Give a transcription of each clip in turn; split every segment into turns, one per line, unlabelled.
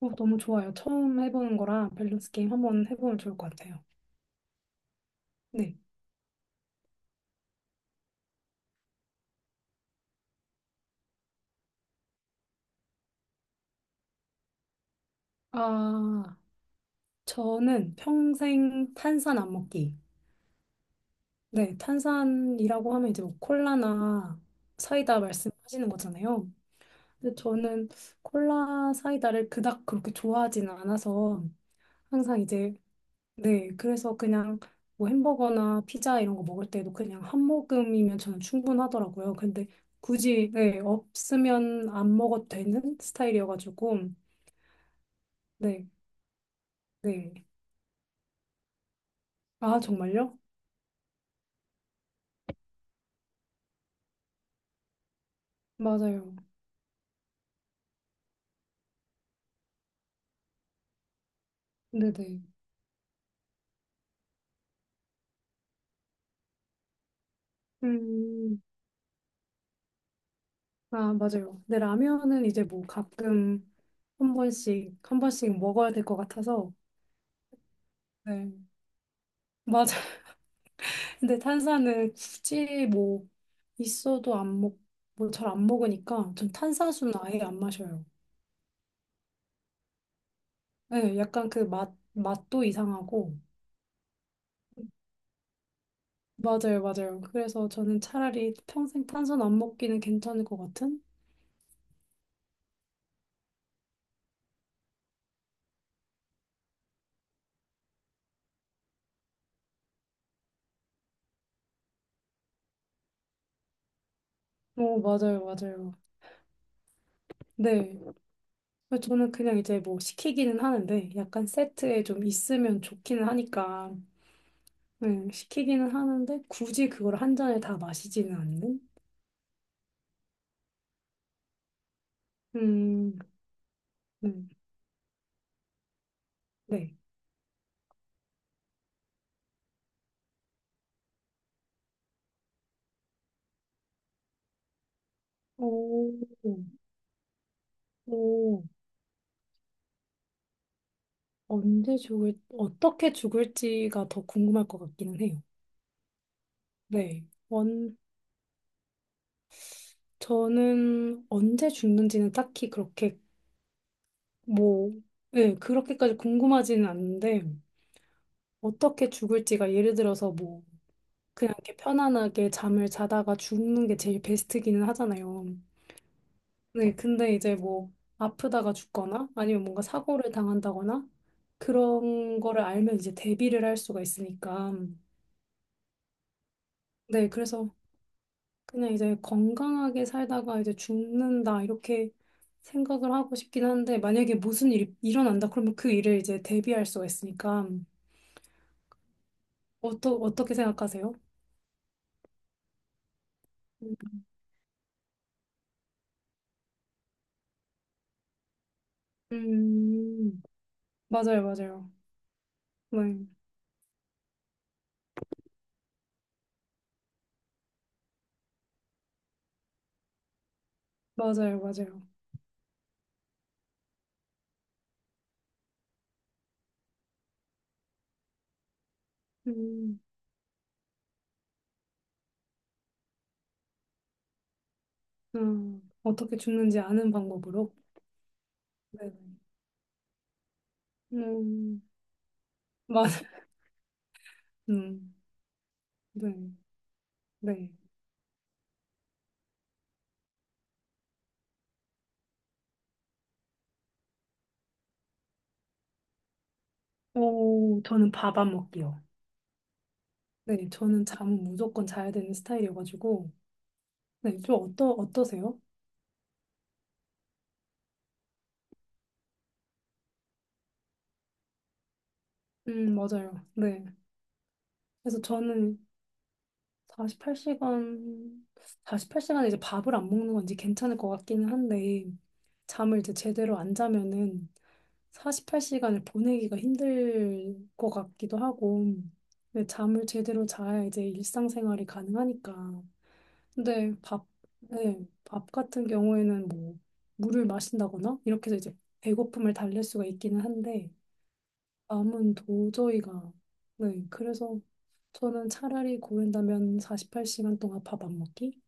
너무 좋아요. 처음 해보는 거라 밸런스 게임 한번 해보면 좋을 것 같아요. 네. 아, 저는 평생 탄산 안 먹기. 네, 탄산이라고 하면 이제 뭐 콜라나 사이다 말씀하시는 거잖아요. 근데 저는 콜라 사이다를 그닥 그렇게 좋아하진 않아서 항상 이제. 네, 그래서 그냥 뭐 햄버거나 피자 이런 거 먹을 때도 그냥 한 모금이면 저는 충분하더라고요. 근데 굳이, 네, 없으면 안 먹어도 되는 스타일이어가지고, 네, 네. 아, 정말요? 맞아요. 네네. 음, 아, 맞아요. 근데 라면은 이제 뭐 가끔 한 번씩 먹어야 될 것 같아서, 네. 맞아요. 근데 탄산은 굳이 뭐 있어도 안 먹, 뭐 잘 안 먹으니까 좀 탄산수는 아예 안 마셔요. 네, 약간 그 맛도 이상하고. 맞아요, 맞아요. 그래서 저는 차라리 평생 탄산 안 먹기는 괜찮을 것 같은? 어, 맞아요, 맞아요. 네. 그래서 저는 그냥 이제 뭐 시키기는 하는데 약간 세트에 좀 있으면 좋기는 하니까. 네, 시키기는 하는데 굳이 그걸 한 잔에 다 마시지는 않는? 음, 네. 네. 오. 오, 어떻게 죽을지가 더 궁금할 것 같기는 해요. 네. 저는 언제 죽는지는 딱히 그렇게, 뭐, 네, 그렇게까지 궁금하지는 않은데, 어떻게 죽을지가 예를 들어서 뭐, 그냥 이렇게 편안하게 잠을 자다가 죽는 게 제일 베스트기는 하잖아요. 네, 근데 이제 뭐, 아프다가 죽거나, 아니면 뭔가 사고를 당한다거나, 그런 거를 알면 이제 대비를 할 수가 있으니까, 네, 그래서 그냥 이제 건강하게 살다가 이제 죽는다 이렇게 생각을 하고 싶긴 한데 만약에 무슨 일이 일어난다 그러면 그 일을 이제 대비할 수가 있으니까 어떻게 생각하세요? 음, 음, 맞아요, 맞아요. 네, 맞아요, 맞아요. 음, 어떻게 죽는지 아는 방법으로. 네. 네. 맞, 음, 네, 네. 오, 저는 밥 안 먹기요. 네, 저는 잠 무조건 자야 되는 스타일이어가지고. 네, 좀 어떠세요? 맞아요. 네. 그래서 저는 48시간, 48시간에 이제 밥을 안 먹는 건지 괜찮을 것 같기는 한데, 잠을 이제 제대로 안 자면은 48시간을 보내기가 힘들 것 같기도 하고, 근데 잠을 제대로 자야 이제 일상생활이 가능하니까. 근데 밥, 네, 밥 같은 경우에는 뭐, 물을 마신다거나, 이렇게 해서 이제 배고픔을 달랠 수가 있기는 한데, 암은 도저히가. 네, 그래서 저는 차라리 고른다면 48시간 동안 밥 안 먹기?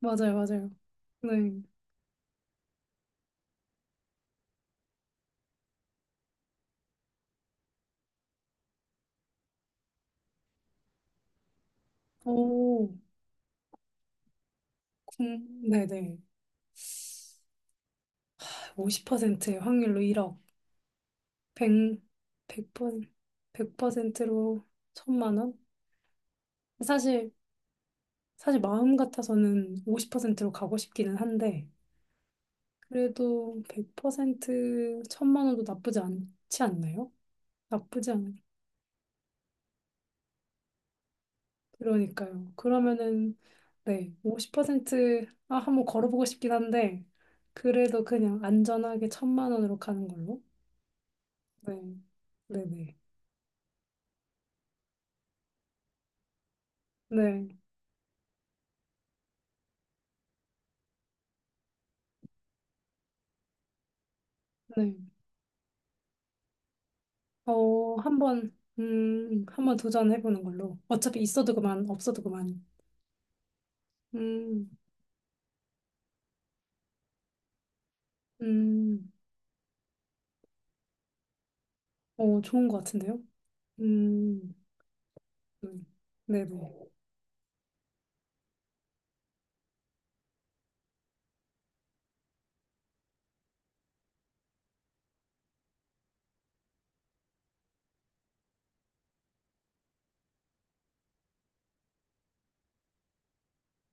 맞아요, 맞아요. 네. 오, 네네. 50%의 확률로 1억, 100, 100%, 100%로 천만 원? 사실, 사실 마음 같아서는 50%로 가고 싶기는 한데, 그래도 100% 천만 원도 나쁘지 않지 않나요? 나쁘지 않아요. 그러니까요. 그러면은 네, 50% 아, 한번 걸어보고 싶긴 한데 그래도 그냥 안전하게 천만 원으로 가는 걸로. 네. 네네. 네. 네. 어, 한번 도전해 보는 걸로. 어차피 있어도 그만, 없어도 그만. 음. 음. 어, 좋은 것 같은데요? 음. 네. 네네.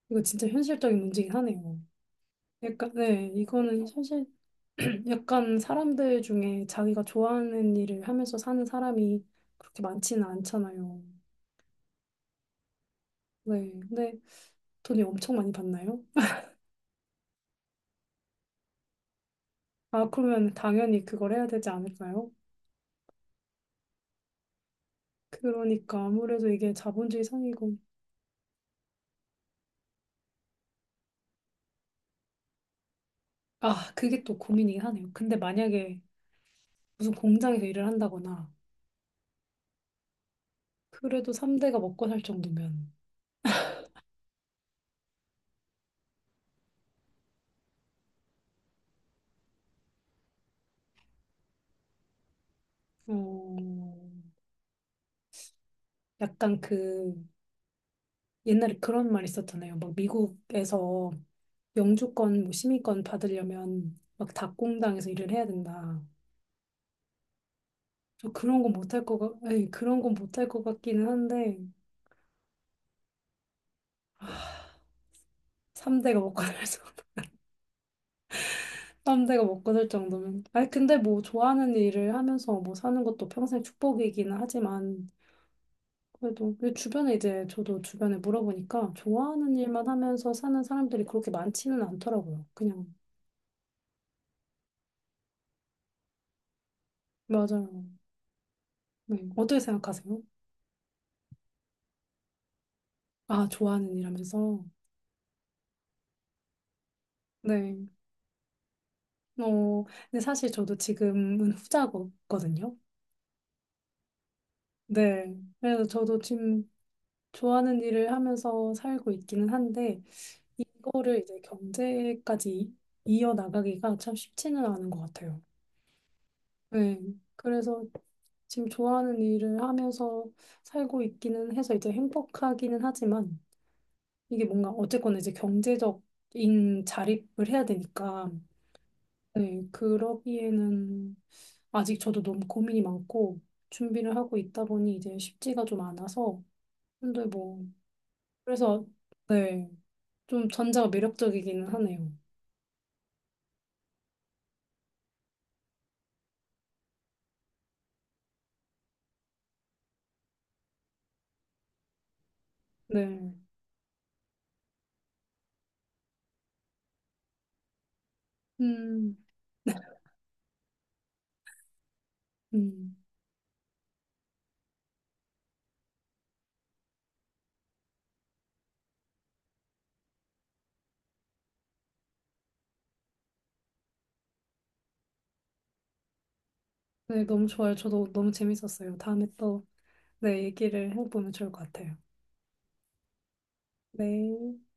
이거 진짜 현실적인 문제긴 하네요. 약간 네, 이거는 현실. 약간 사람들 중에 자기가 좋아하는 일을 하면서 사는 사람이 그렇게 많지는 않잖아요. 네. 근데 돈이 엄청 많이 받나요? 아, 그러면 당연히 그걸 해야 되지 않을까요? 그러니까 아무래도 이게 자본주의 상이고. 아, 그게 또 고민이긴 하네요. 근데 만약에 무슨 공장에서 일을 한다거나 그래도 3대가 먹고 살 정도면. 어, 약간 그 옛날에 그런 말 있었잖아요. 막 미국에서 영주권, 뭐 시민권 받으려면 막 닭공당에서 일을 해야 된다. 저 그런 건 못할 것 같기는 한데, 3대가 먹고 살 정도. 삼 대가 먹고 살 정도면. 아니, 근데 뭐 좋아하는 일을 하면서 뭐 사는 것도 평생 축복이기는 하지만, 그래도 근데 주변에 이제 저도 주변에 물어보니까 좋아하는 일만 하면서 사는 사람들이 그렇게 많지는 않더라고요. 그냥, 맞아요. 네. 어떻게 생각하세요? 아, 좋아하는 일 하면서. 네, 어, 근데 사실 저도 지금은 후자거든요. 네. 그래서 저도 지금 좋아하는 일을 하면서 살고 있기는 한데, 이거를 이제 경제까지 이어나가기가 참 쉽지는 않은 것 같아요. 네. 그래서 지금 좋아하는 일을 하면서 살고 있기는 해서 이제 행복하기는 하지만, 이게 뭔가 어쨌거나 이제 경제적인 자립을 해야 되니까, 네. 그러기에는 아직 저도 너무 고민이 많고 준비를 하고 있다 보니 이제 쉽지가 좀 않아서 근데 뭐 그래서 네. 좀 전자가 매력적이기는 하네요. 네. 음. 음. 네, 너무 좋아요. 저도 너무 재밌었어요. 다음에 또. 네, 얘기를 해보면 좋을 것 같아요. 네.